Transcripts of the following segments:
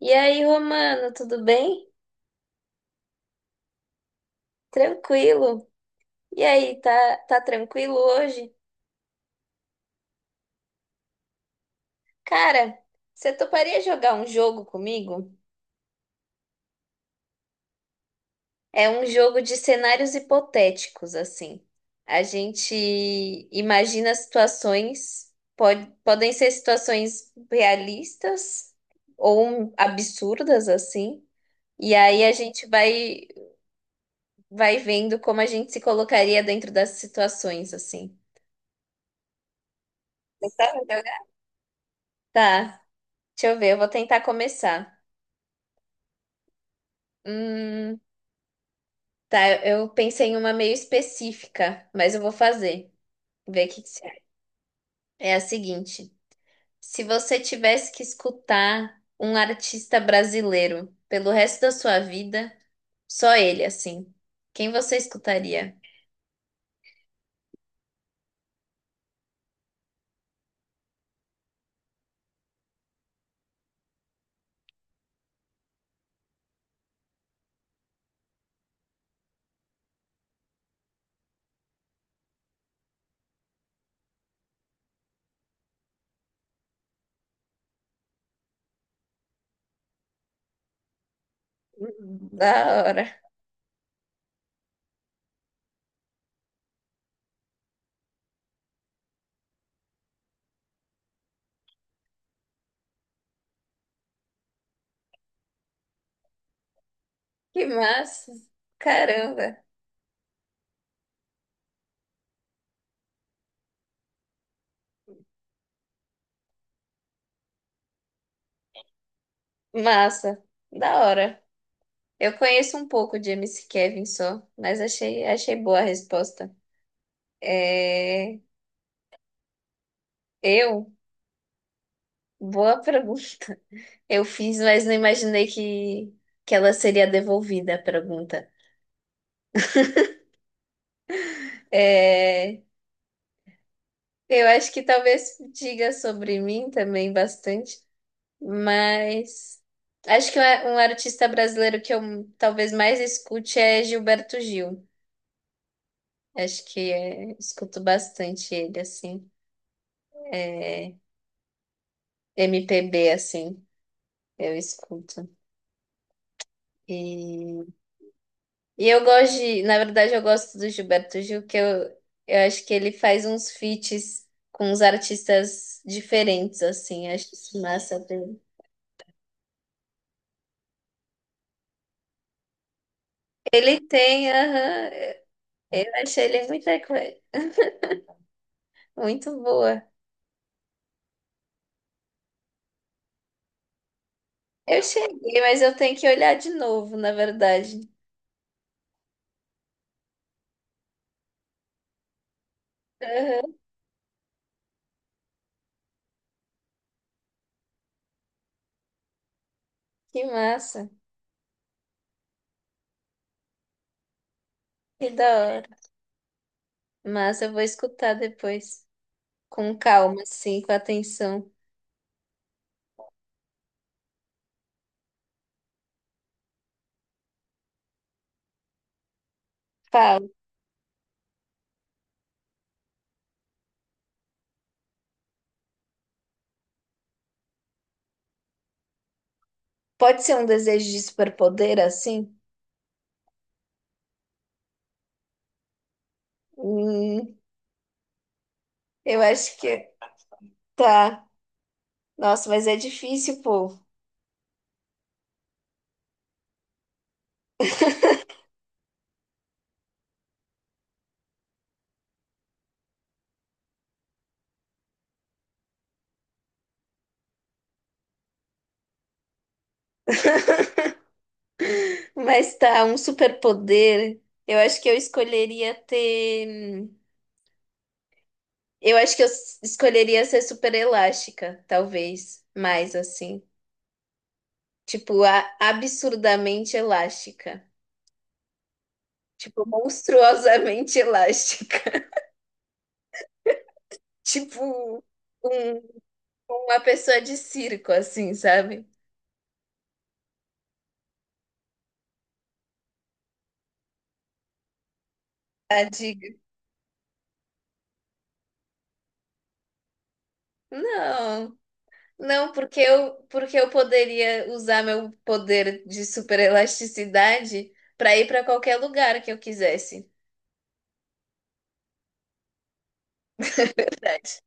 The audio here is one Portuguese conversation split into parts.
E aí, Romano, tudo bem? Tranquilo. E aí, tá tranquilo hoje? Cara, você toparia jogar um jogo comigo? É um jogo de cenários hipotéticos, assim. A gente imagina situações, podem ser situações realistas ou absurdas, assim. E aí a gente vai vendo como a gente se colocaria dentro das situações, assim. Você sabe jogar? Tá. Deixa eu ver, eu vou tentar começar. Hum, tá, eu pensei em uma meio específica, mas eu vou fazer. Ver o que que você acha. É a seguinte: se você tivesse que escutar um artista brasileiro pelo resto da sua vida, só ele, assim, quem você escutaria? Da hora. Que massa. Caramba. Massa. Da hora. Eu conheço um pouco de MC Kevin só, mas achei boa a resposta. É... Eu. Boa pergunta. Eu fiz, mas não imaginei que ela seria devolvida, a pergunta. É, eu acho que talvez diga sobre mim também bastante, mas acho que um artista brasileiro que eu talvez mais escute é Gilberto Gil. Acho que é, escuto bastante ele, assim. É, MPB, assim, eu escuto. E eu gosto de, na verdade, eu gosto do Gilberto Gil, eu acho que ele faz uns feats com uns artistas diferentes, assim, acho isso massa dele. Ele tem, aham, eu achei ele muito, muito boa. Eu cheguei, mas eu tenho que olhar de novo, na verdade. Aham, que massa, que da hora. Massa, eu vou escutar depois, com calma, assim, com atenção. Fala. Pode ser um desejo de superpoder, assim? Hum, eu acho que tá. Nossa, mas é difícil, pô. Mas tá, um superpoder. Eu acho que eu escolheria ter. Eu acho que escolheria ser super elástica, talvez. Mais assim. Tipo, absurdamente elástica. Tipo, monstruosamente elástica. Tipo, um- uma pessoa de circo, assim, sabe? A diga. Não. Não, porque eu poderia usar meu poder de super elasticidade para ir para qualquer lugar que eu quisesse. Verdade.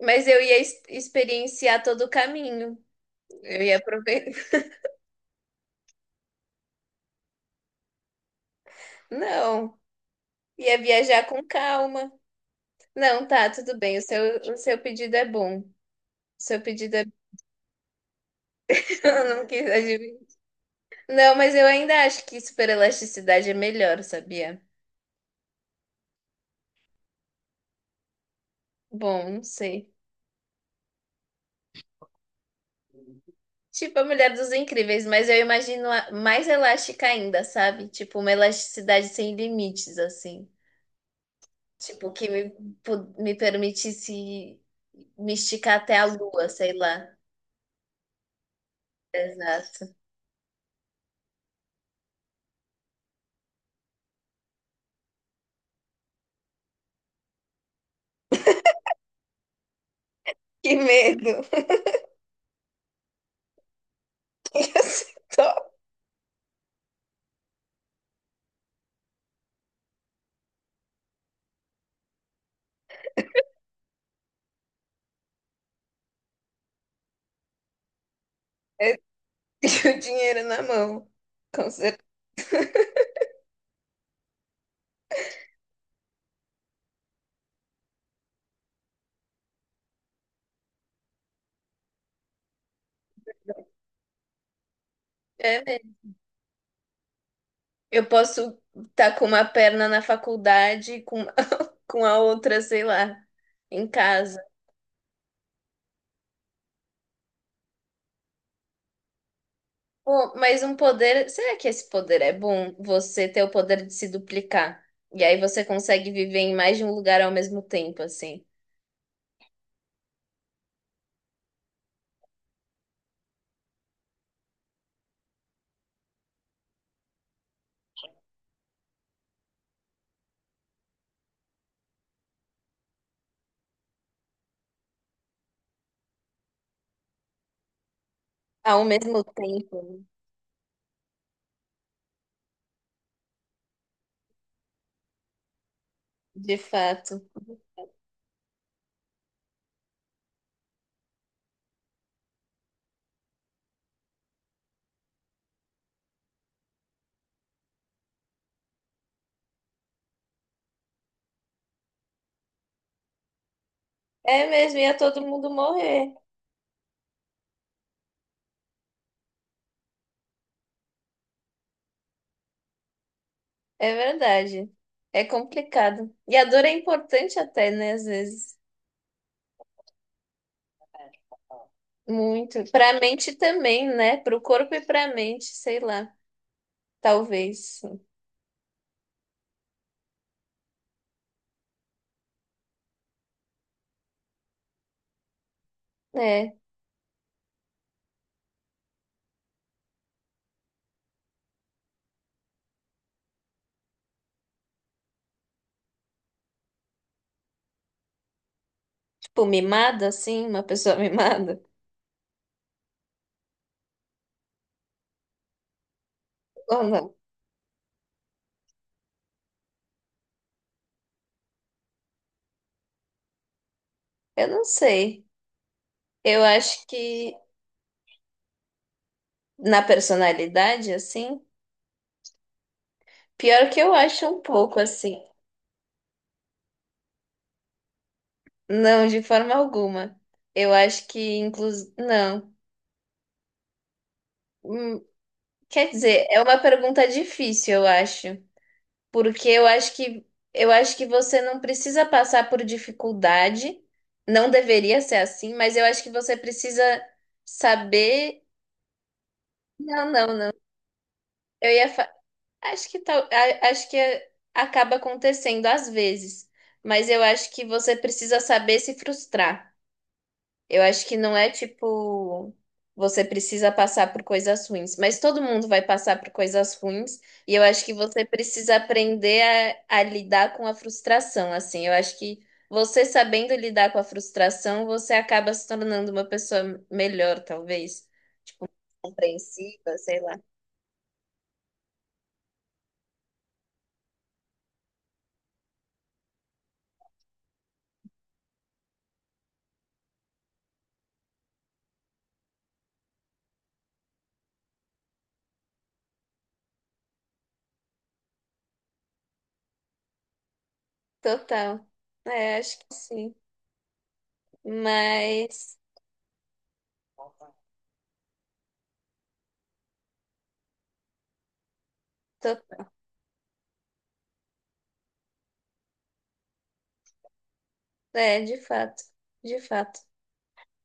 Mas eu ia experienciar todo o caminho. Eu ia aproveitar. Não, ia viajar com calma. Não, tá, tudo bem. O seu pedido é bom. O seu pedido é. Eu não quis adivinhar. Não, mas eu ainda acho que super elasticidade é melhor, sabia? Bom, não sei. Tipo a Mulher dos Incríveis, mas eu imagino mais elástica ainda, sabe? Tipo, uma elasticidade sem limites, assim. Tipo, me permitisse me esticar até a lua, sei lá. Exato. Que medo. Ia ser top. É, e o dinheiro na mão. Com certeza. É mesmo. Eu posso estar com uma perna na faculdade com a outra, sei lá, em casa. Pô, mas um poder. Será que esse poder é bom? Você ter o poder de se duplicar. E aí você consegue viver em mais de um lugar ao mesmo tempo, assim. Ao mesmo tempo, de fato. É mesmo, ia todo mundo morrer. É verdade. É complicado. E a dor é importante até, né? Às vezes. Muito. Pra mente também, né? Pro corpo e pra mente, sei lá. Talvez. É. Tipo, mimada, assim, uma pessoa mimada. Ou não? Eu não sei. Eu acho que na personalidade, assim? Pior que eu acho um pouco assim. Não, de forma alguma. Eu acho que, inclusive. Não. Hum, quer dizer, é uma pergunta difícil, eu acho. Porque eu acho que você não precisa passar por dificuldade. Não deveria ser assim, mas eu acho que você precisa saber. Não. Eu ia, fa- acho que tal, acho que acaba acontecendo às vezes, mas eu acho que você precisa saber se frustrar. Eu acho que não é tipo você precisa passar por coisas ruins, mas todo mundo vai passar por coisas ruins e eu acho que você precisa aprender a lidar com a frustração, assim. Eu acho que você sabendo lidar com a frustração, você acaba se tornando uma pessoa melhor, talvez, tipo, compreensiva, sei lá. Total. É, acho que sim. Mas, tô... é, de fato.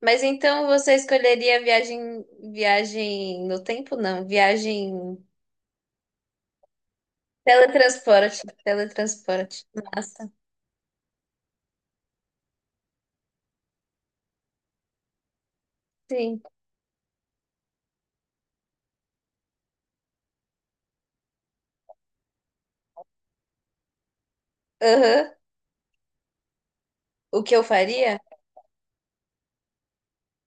Mas então você escolheria viagem no tempo? Não, viagem teletransporte, teletransporte. Massa. Sim. Aham. O que eu faria?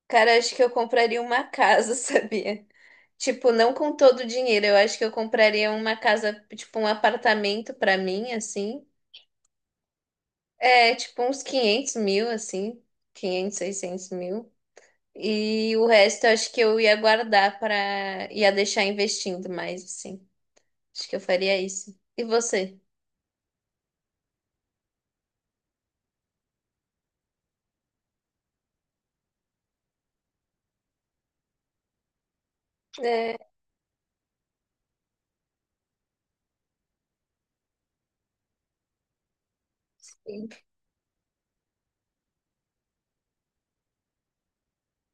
Cara, acho que eu compraria uma casa, sabia? Tipo, não com todo o dinheiro, eu acho que eu compraria uma casa, tipo um apartamento pra mim, assim. É, tipo uns 500 mil, assim. 500, 600 mil. E o resto eu acho que eu ia guardar para ia deixar investindo mais, assim. Acho que eu faria isso. E você? É, sim,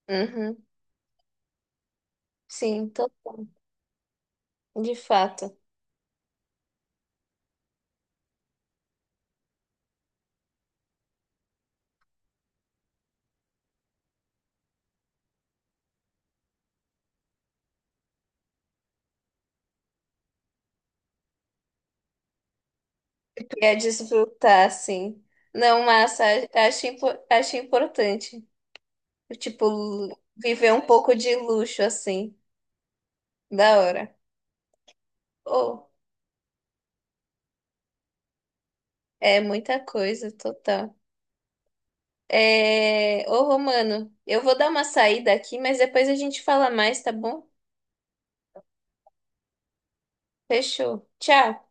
uhum. Sim, total. De fato. Ia desfrutar, sim. Não, massa, acho importante. Tipo, viver um pouco de luxo, assim. Da hora. Oh, é muita coisa, total. É... Ô, Romano, eu vou dar uma saída aqui, mas depois a gente fala mais, tá bom? Fechou. Tchau.